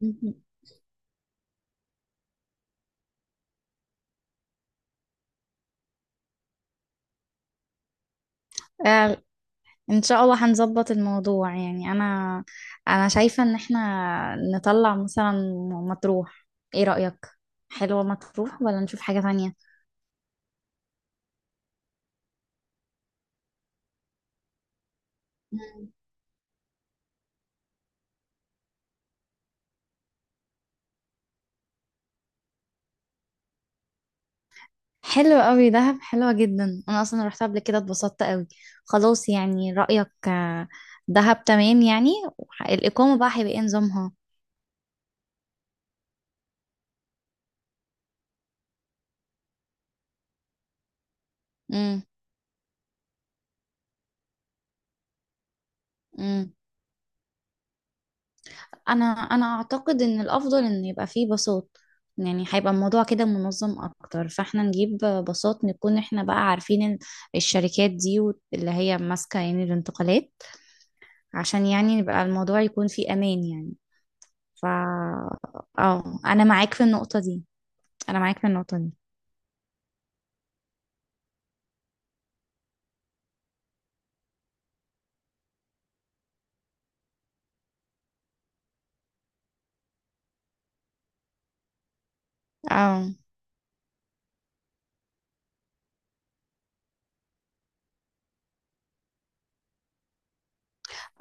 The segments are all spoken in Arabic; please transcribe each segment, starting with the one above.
مهم. آه، ان شاء الله هنظبط الموضوع، يعني انا شايفة ان احنا نطلع مثلا مطروح. ايه رأيك؟ حلوة مطروح ولا نشوف حاجة تانية؟ مم. حلو قوي، دهب حلوة جدا، انا اصلا رحت قبل كده اتبسطت قوي. خلاص، يعني رأيك دهب تمام يعني. الإقامة بقى هيبقى ايه نظامها؟ امم انا اعتقد ان الافضل ان يبقى فيه باصات، يعني هيبقى الموضوع كده منظم اكتر، فاحنا نجيب باصات، نكون احنا بقى عارفين الشركات دي، اللي هي ماسكة يعني الانتقالات، عشان يعني نبقى الموضوع يكون فيه امان يعني. ف اه، انا معاك في النقطة دي. انا معاك في النقطة دي. اه،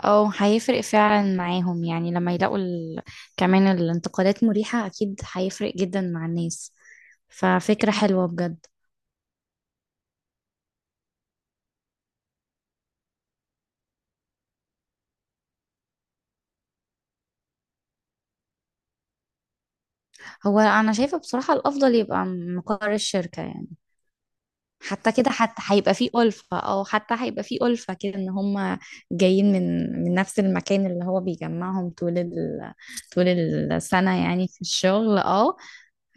اه، هيفرق فعلا معاهم، يعني لما يلاقوا ال... كمان الانتقادات مريحة، اكيد هيفرق جدا مع الناس. ففكرة حلوة بجد. هو انا شايفه بصراحه الافضل يبقى مقر الشركه يعني. حتى كده، حتى هيبقى فيه الفه، او حتى هيبقى فيه الفه كده، ان هم جايين من نفس المكان اللي هو بيجمعهم طول ال... طول السنه يعني في الشغل. اه،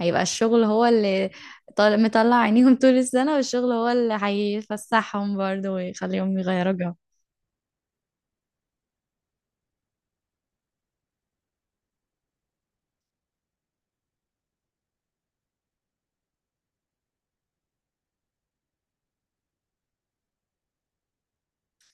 هيبقى الشغل هو اللي مطلع عينيهم طول السنه، والشغل هو اللي هيفسحهم برضه ويخليهم يغيروا جو.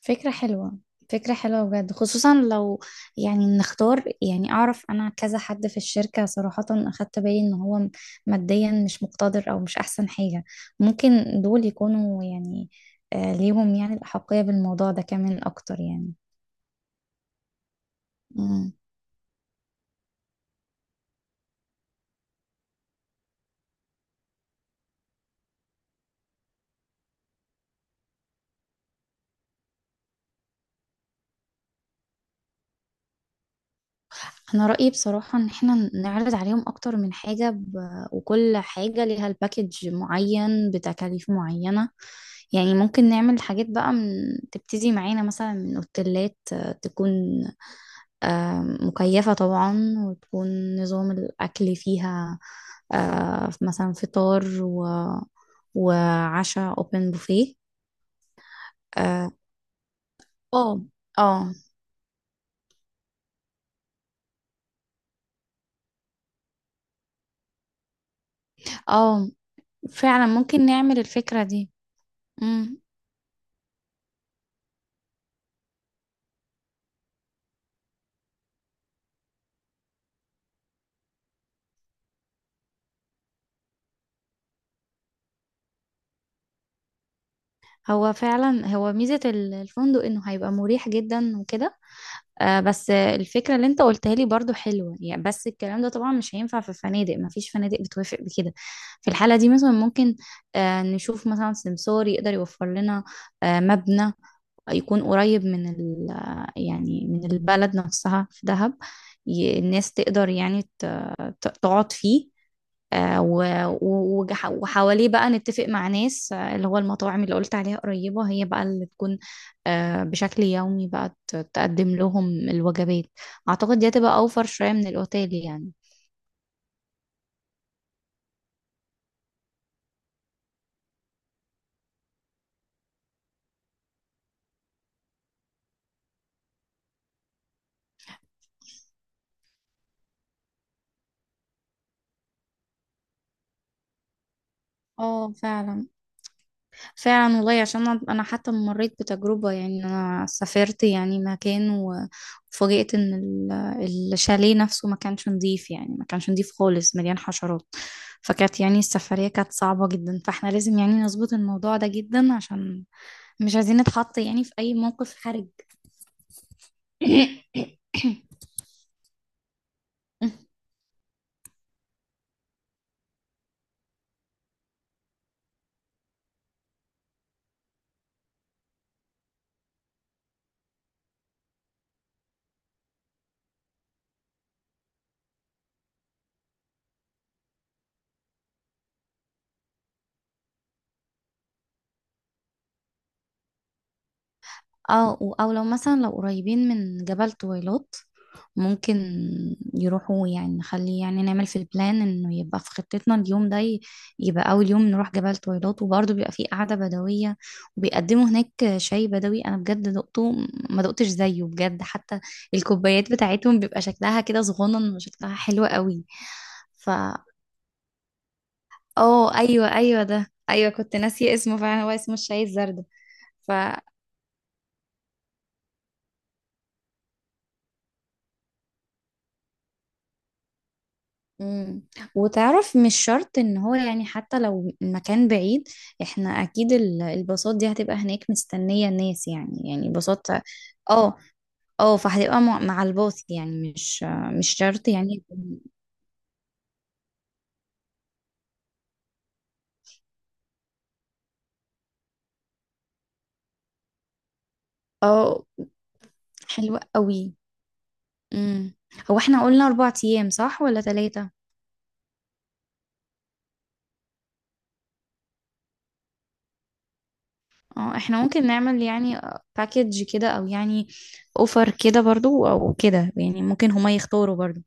فكرة حلوة، فكرة حلوة بجد. خصوصا لو يعني نختار، يعني أعرف أنا كذا حد في الشركة، صراحة أخدت بالي إن هو ماديا مش مقتدر أو مش أحسن حاجة، ممكن دول يكونوا يعني ليهم يعني الأحقية بالموضوع ده كمان أكتر يعني. مم. أنا رأيي بصراحة إن إحنا نعرض عليهم أكتر من حاجة، ب... وكل حاجة ليها الباكج معين بتكاليف معينة. يعني ممكن نعمل حاجات بقى من... تبتدي معانا مثلا من أوتيلات تكون مكيفة طبعا، وتكون نظام الأكل فيها مثلا فطار و... وعشاء open buffet. اه، اه، اه. آه، فعلا ممكن نعمل الفكرة دي. مم. هو فعلا، هو ميزة الفندق انه هيبقى مريح جدا وكده. آه، بس الفكرة اللي انت قلتها لي برضو حلوة يعني، بس الكلام ده طبعا مش هينفع في الفنادق، مفيش فنادق بتوافق بكده. في الحالة دي مثلا ممكن نشوف مثلا سمسار يقدر يوفر لنا مبنى يكون قريب من ال آه، يعني من البلد نفسها في دهب، الناس تقدر يعني تقعد فيه، وحواليه بقى نتفق مع ناس، اللي هو المطاعم اللي قلت عليها قريبة هي بقى اللي تكون بشكل يومي بقى تقدم لهم الوجبات. أعتقد دي هتبقى أوفر شوية من الأوتيل يعني. اه، فعلا، فعلا والله. عشان انا، حتى مريت بتجربة، يعني انا سافرت يعني مكان وفوجئت ان الشاليه نفسه ما كانش نظيف، يعني ما كانش نظيف خالص، مليان حشرات. فكانت يعني السفرية كانت صعبة جدا، فاحنا لازم يعني نظبط الموضوع ده جدا، عشان مش عايزين نتحط يعني في اي موقف حرج. اه، او لو مثلا لو قريبين من جبل طويلات، ممكن يروحوا يعني، نخلي يعني نعمل في البلان انه يبقى في خطتنا اليوم ده يبقى اول يوم نروح جبل طويلات، وبرضه بيبقى فيه قعدة بدوية، وبيقدموا هناك شاي بدوي، انا بجد دقته ما دقتش زيه بجد. حتى الكوبايات بتاعتهم بيبقى شكلها كده صغنن، وشكلها حلو قوي. فا اه، ايوه، ايوه، ده ايوه كنت ناسيه اسمه، فعلا هو اسمه الشاي الزرد. مم. وتعرف مش شرط ان هو يعني حتى لو المكان بعيد، احنا اكيد الباصات دي هتبقى هناك مستنية الناس، يعني باصات. اه، اه، فهتبقى مع الباص يعني، مش مش شرط يعني. اه، حلوة قوي. مم. هو احنا قلنا 4 ايام صح ولا 3؟ اه، احنا ممكن نعمل يعني باكج كده، او يعني اوفر كده برضو، او كده يعني ممكن هما يختاروا برضو.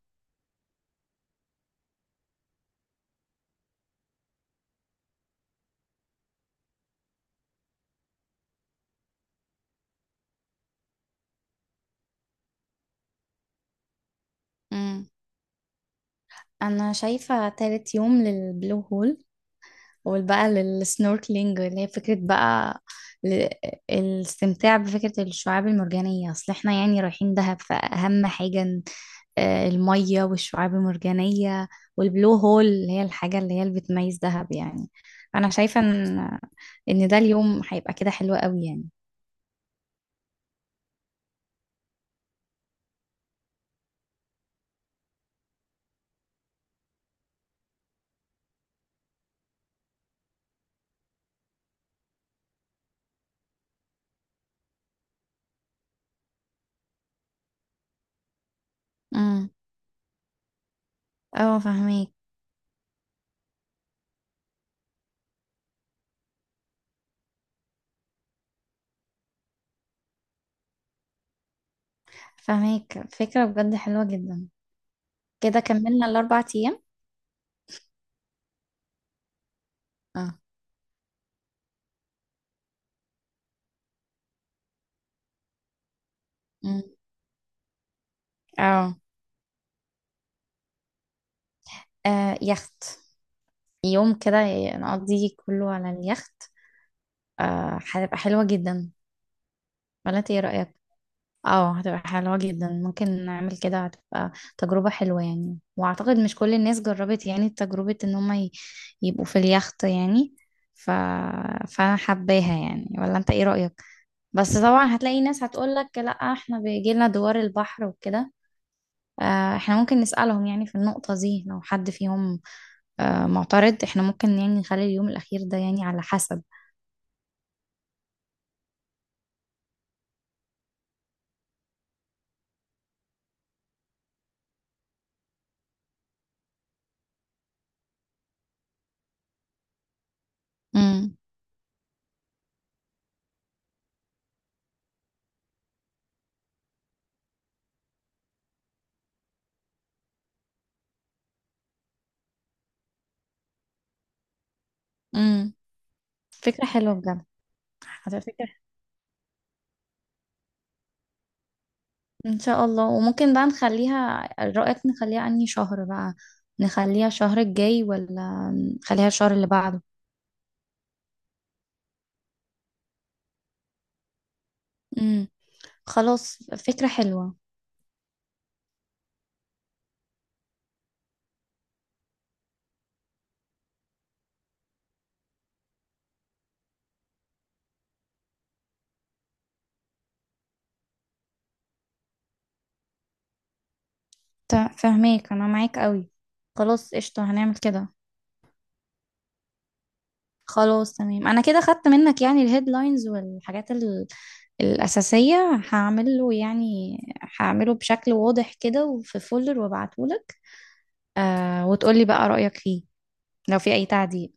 مم. انا شايفة تالت يوم للبلو هول، والبقى للسنوركلينج، اللي هي فكرة بقى ل- الاستمتاع بفكرة الشعاب المرجانية. أصل احنا يعني رايحين دهب، فأهم حاجة المية والشعاب المرجانية، والبلو هول اللي هي الحاجة اللي هي اللي بتميز دهب يعني. أنا شايفة إن ده اليوم هيبقى كده حلو قوي يعني. امم اه، فهميك. فكرة بجد حلوة جدا. كده كملنا الأربع أيام. اه. امم اه، يخت، يوم كده نقضيه كله على اليخت. آه، هتبقى حلوة جدا. ولا انت ايه رأيك؟ اه، هتبقى حلوة جدا، ممكن نعمل كده، هتبقى تجربة حلوة يعني. واعتقد مش كل الناس جربت يعني تجربة ان هم يبقوا في اليخت يعني. ف... فانا حباها يعني. ولا انت ايه رأيك؟ بس طبعا هتلاقي ناس هتقولك لا احنا بيجيلنا دوار البحر وكده. آه، احنا ممكن نسألهم يعني في النقطة دي، لو حد فيهم معترض احنا ممكن يعني نخلي اليوم الأخير ده يعني على حسب. مم. امم فكرة حلوة بجد. على فكرة، ان شاء الله. وممكن بقى نخليها، رأيك نخليها انهي شهر بقى؟ نخليها الشهر الجاي ولا نخليها الشهر اللي بعده؟ امم خلاص، فكرة حلوة. فهماك، انا معاك قوي. خلاص قشطة، هنعمل كده. خلاص تمام، انا كده خدت منك يعني الهيدلاينز والحاجات ال... الأساسية، هعمله يعني، هعمله بشكل واضح كده وفي فولر وابعتهولك. آه، وتقولي بقى رأيك فيه لو في اي تعديل.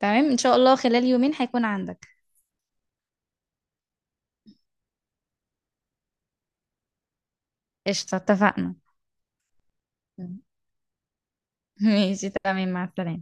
تمام، ان شاء الله خلال يومين هيكون عندك. قشطة، اتفقنا. ماشي، تمام، مع السلامة.